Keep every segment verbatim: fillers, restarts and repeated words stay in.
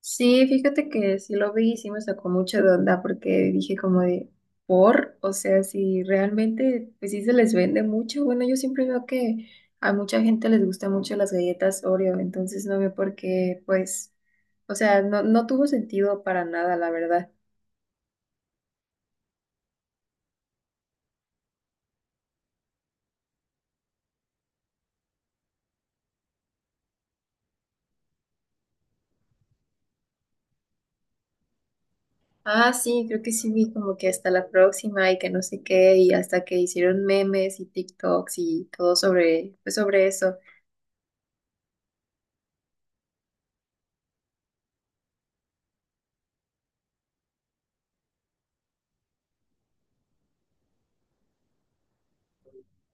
Sí, fíjate que sí lo vi y sí me sacó mucho de onda porque dije como de, por, o sea, si realmente, pues sí se les vende mucho. Bueno, yo siempre veo que a mucha gente les gustan mucho las galletas Oreo, entonces no veo por qué, pues, o sea, no, no tuvo sentido para nada, la verdad. Ah, sí, creo que sí vi como que hasta la próxima y que no sé qué, y hasta que hicieron memes y TikToks y todo sobre, pues sobre eso.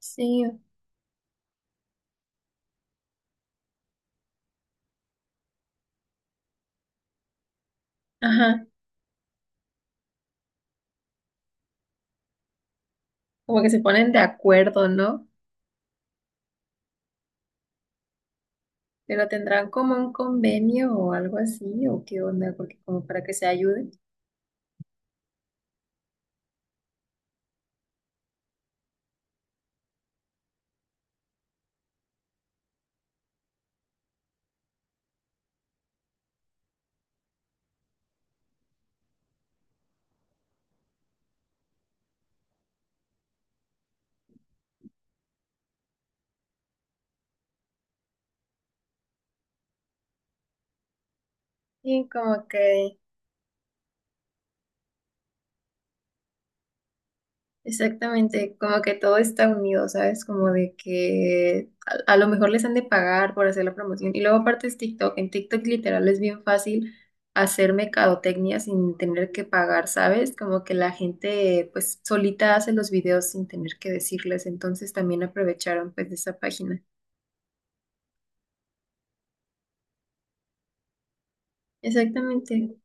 Sí, ajá, como que se ponen de acuerdo, ¿no? Pero tendrán como un convenio o algo así, o qué onda, porque como para que se ayuden. Y como que, exactamente, como que todo está unido, ¿sabes? Como de que a, a lo mejor les han de pagar por hacer la promoción. Y luego aparte es TikTok, en TikTok literal es bien fácil hacer mercadotecnia sin tener que pagar, ¿sabes? Como que la gente pues solita hace los videos sin tener que decirles, entonces también aprovecharon pues de esa página. Exactamente.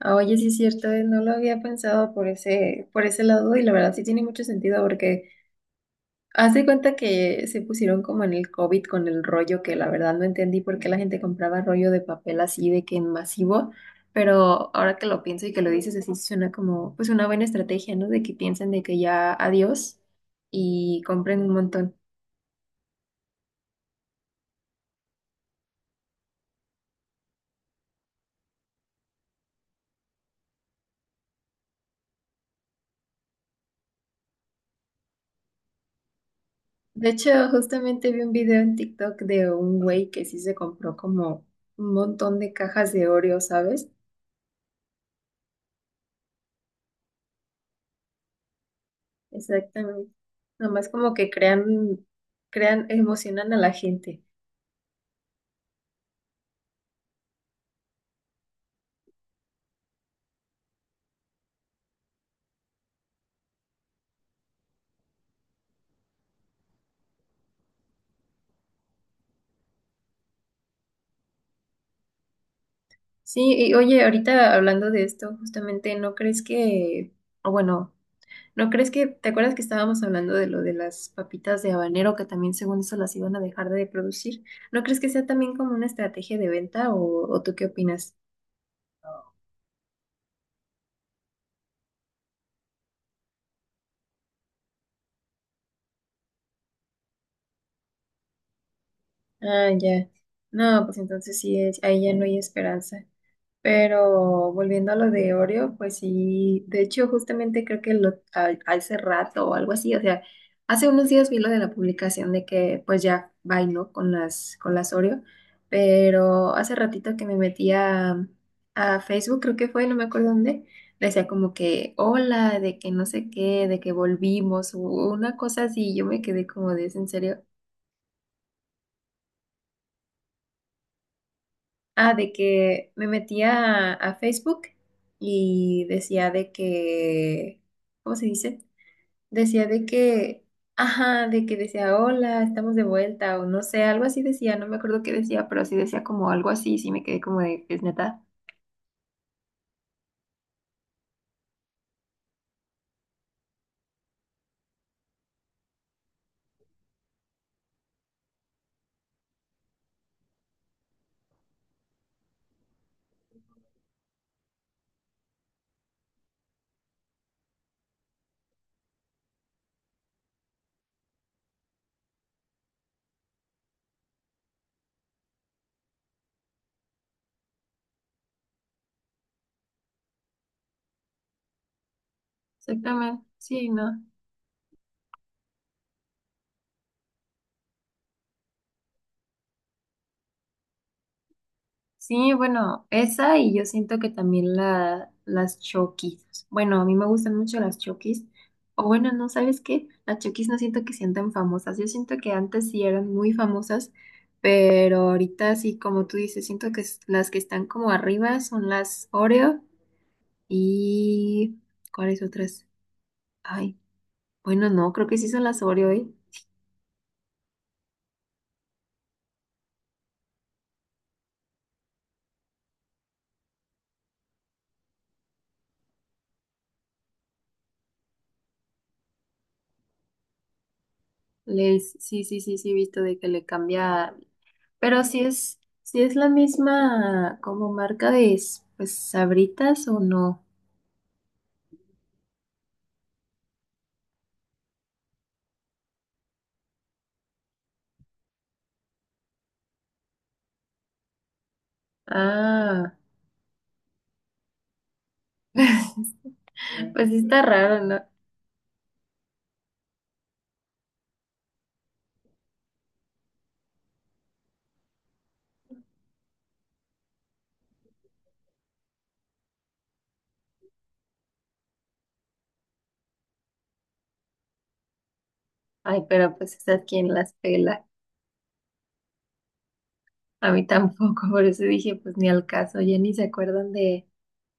Ah, oye, sí es cierto, eh, no lo había pensado por ese, por ese lado y la verdad sí tiene mucho sentido porque haz de cuenta que se pusieron como en el COVID con el rollo que la verdad no entendí por qué la gente compraba rollo de papel así de que en masivo, pero ahora que lo pienso y que lo dices así suena como pues una buena estrategia, ¿no? De que piensen de que ya adiós y compren un montón. De hecho, justamente vi un video en TikTok de un güey que sí se compró como un montón de cajas de Oreo, ¿sabes? Exactamente. Nomás como que crean, crean, emocionan a la gente. Sí, y oye, ahorita hablando de esto, justamente, ¿no crees que, o bueno, ¿no crees que, te acuerdas que estábamos hablando de lo de las papitas de habanero, que también según eso las iban a dejar de producir? ¿No crees que sea también como una estrategia de venta o, o tú qué opinas? Ah, ya. No, pues entonces sí, es- ahí ya no hay esperanza. Pero volviendo a lo de Oreo, pues sí, de hecho justamente creo que lo, a- hace rato o algo así, o sea, hace unos días vi lo de la publicación de que pues ya bailó con las, con las Oreo, pero hace ratito que me metí a, a Facebook, creo que fue, no me acuerdo dónde, decía como que hola, de que no sé qué, de que volvimos, o una cosa así, yo me quedé como de, ¿es en serio? Ah, de que me metía a, a Facebook y decía de que, ¿cómo se dice? Decía de que, ajá, de que decía, hola, estamos de vuelta, o no sé, algo así decía, no me acuerdo qué decía, pero sí decía como algo así, sí me quedé como de, es neta. Exactamente, sí, no. Sí, bueno, esa y yo siento que también la, las Chokis. Bueno, a mí me gustan mucho las Chokis. O bueno, no, ¿sabes qué? Las Chokis no siento que sean tan famosas. Yo siento que antes sí eran muy famosas, pero ahorita sí, como tú dices, siento que es- las que están como arriba son las Oreo y... ¿Cuáles otras? Ay, bueno, no, creo que sí son las Oreo, ¿eh? Les... Sí, sí, sí, sí, he visto de que le cambia. Pero si es, si es la misma como marca de s- pues Sabritas o no. Ah, pues sí está raro, ¿no? Ay, pero pues es a quién las pela. A mí tampoco, por eso dije, pues ni al caso, ya ni se acuerdan de,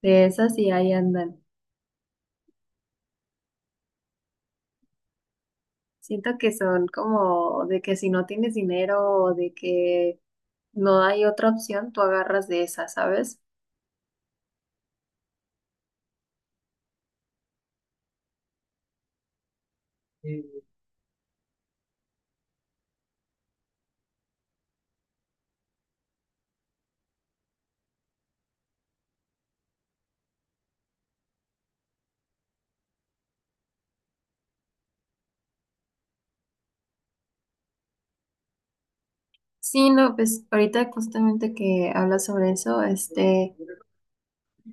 de esas y ahí andan. Siento que son como de que si no tienes dinero o de que no hay otra opción, tú agarras de esas, ¿sabes? Sí, no, pues ahorita justamente que hablas sobre eso, este,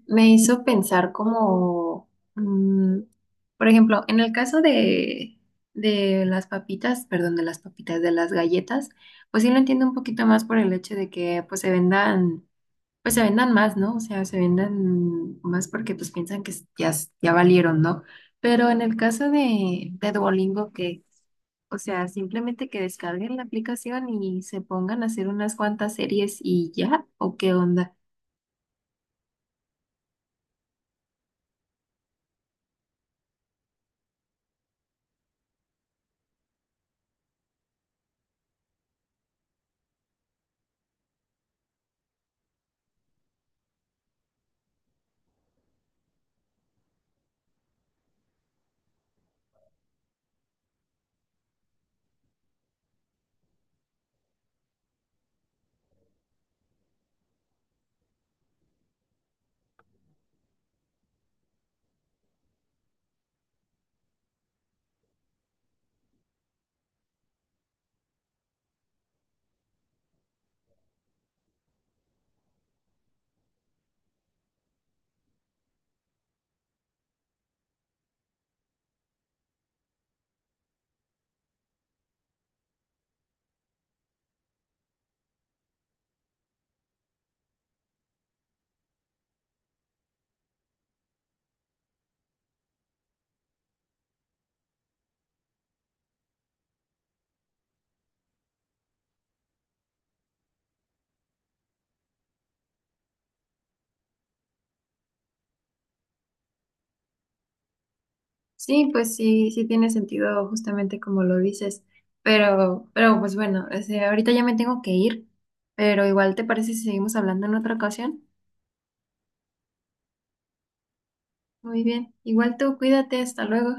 me hizo pensar como, mm, por ejemplo, en el caso de, de las papitas, perdón, de las papitas, de las galletas, pues sí lo entiendo un poquito más por el hecho de que pues se vendan, pues se vendan más, ¿no? O sea, se vendan más porque pues piensan que s- ya, s- ya valieron, ¿no? Pero en el caso de, de Duolingo, que, o sea, simplemente que descarguen la aplicación y se pongan a hacer unas cuantas series y ya, ¿o qué onda? Sí, pues sí, sí tiene sentido justamente como lo dices, pero, pero pues bueno, o sea, ahorita ya me tengo que ir, pero igual te parece si seguimos hablando en otra ocasión. Muy bien, igual tú cuídate, hasta luego.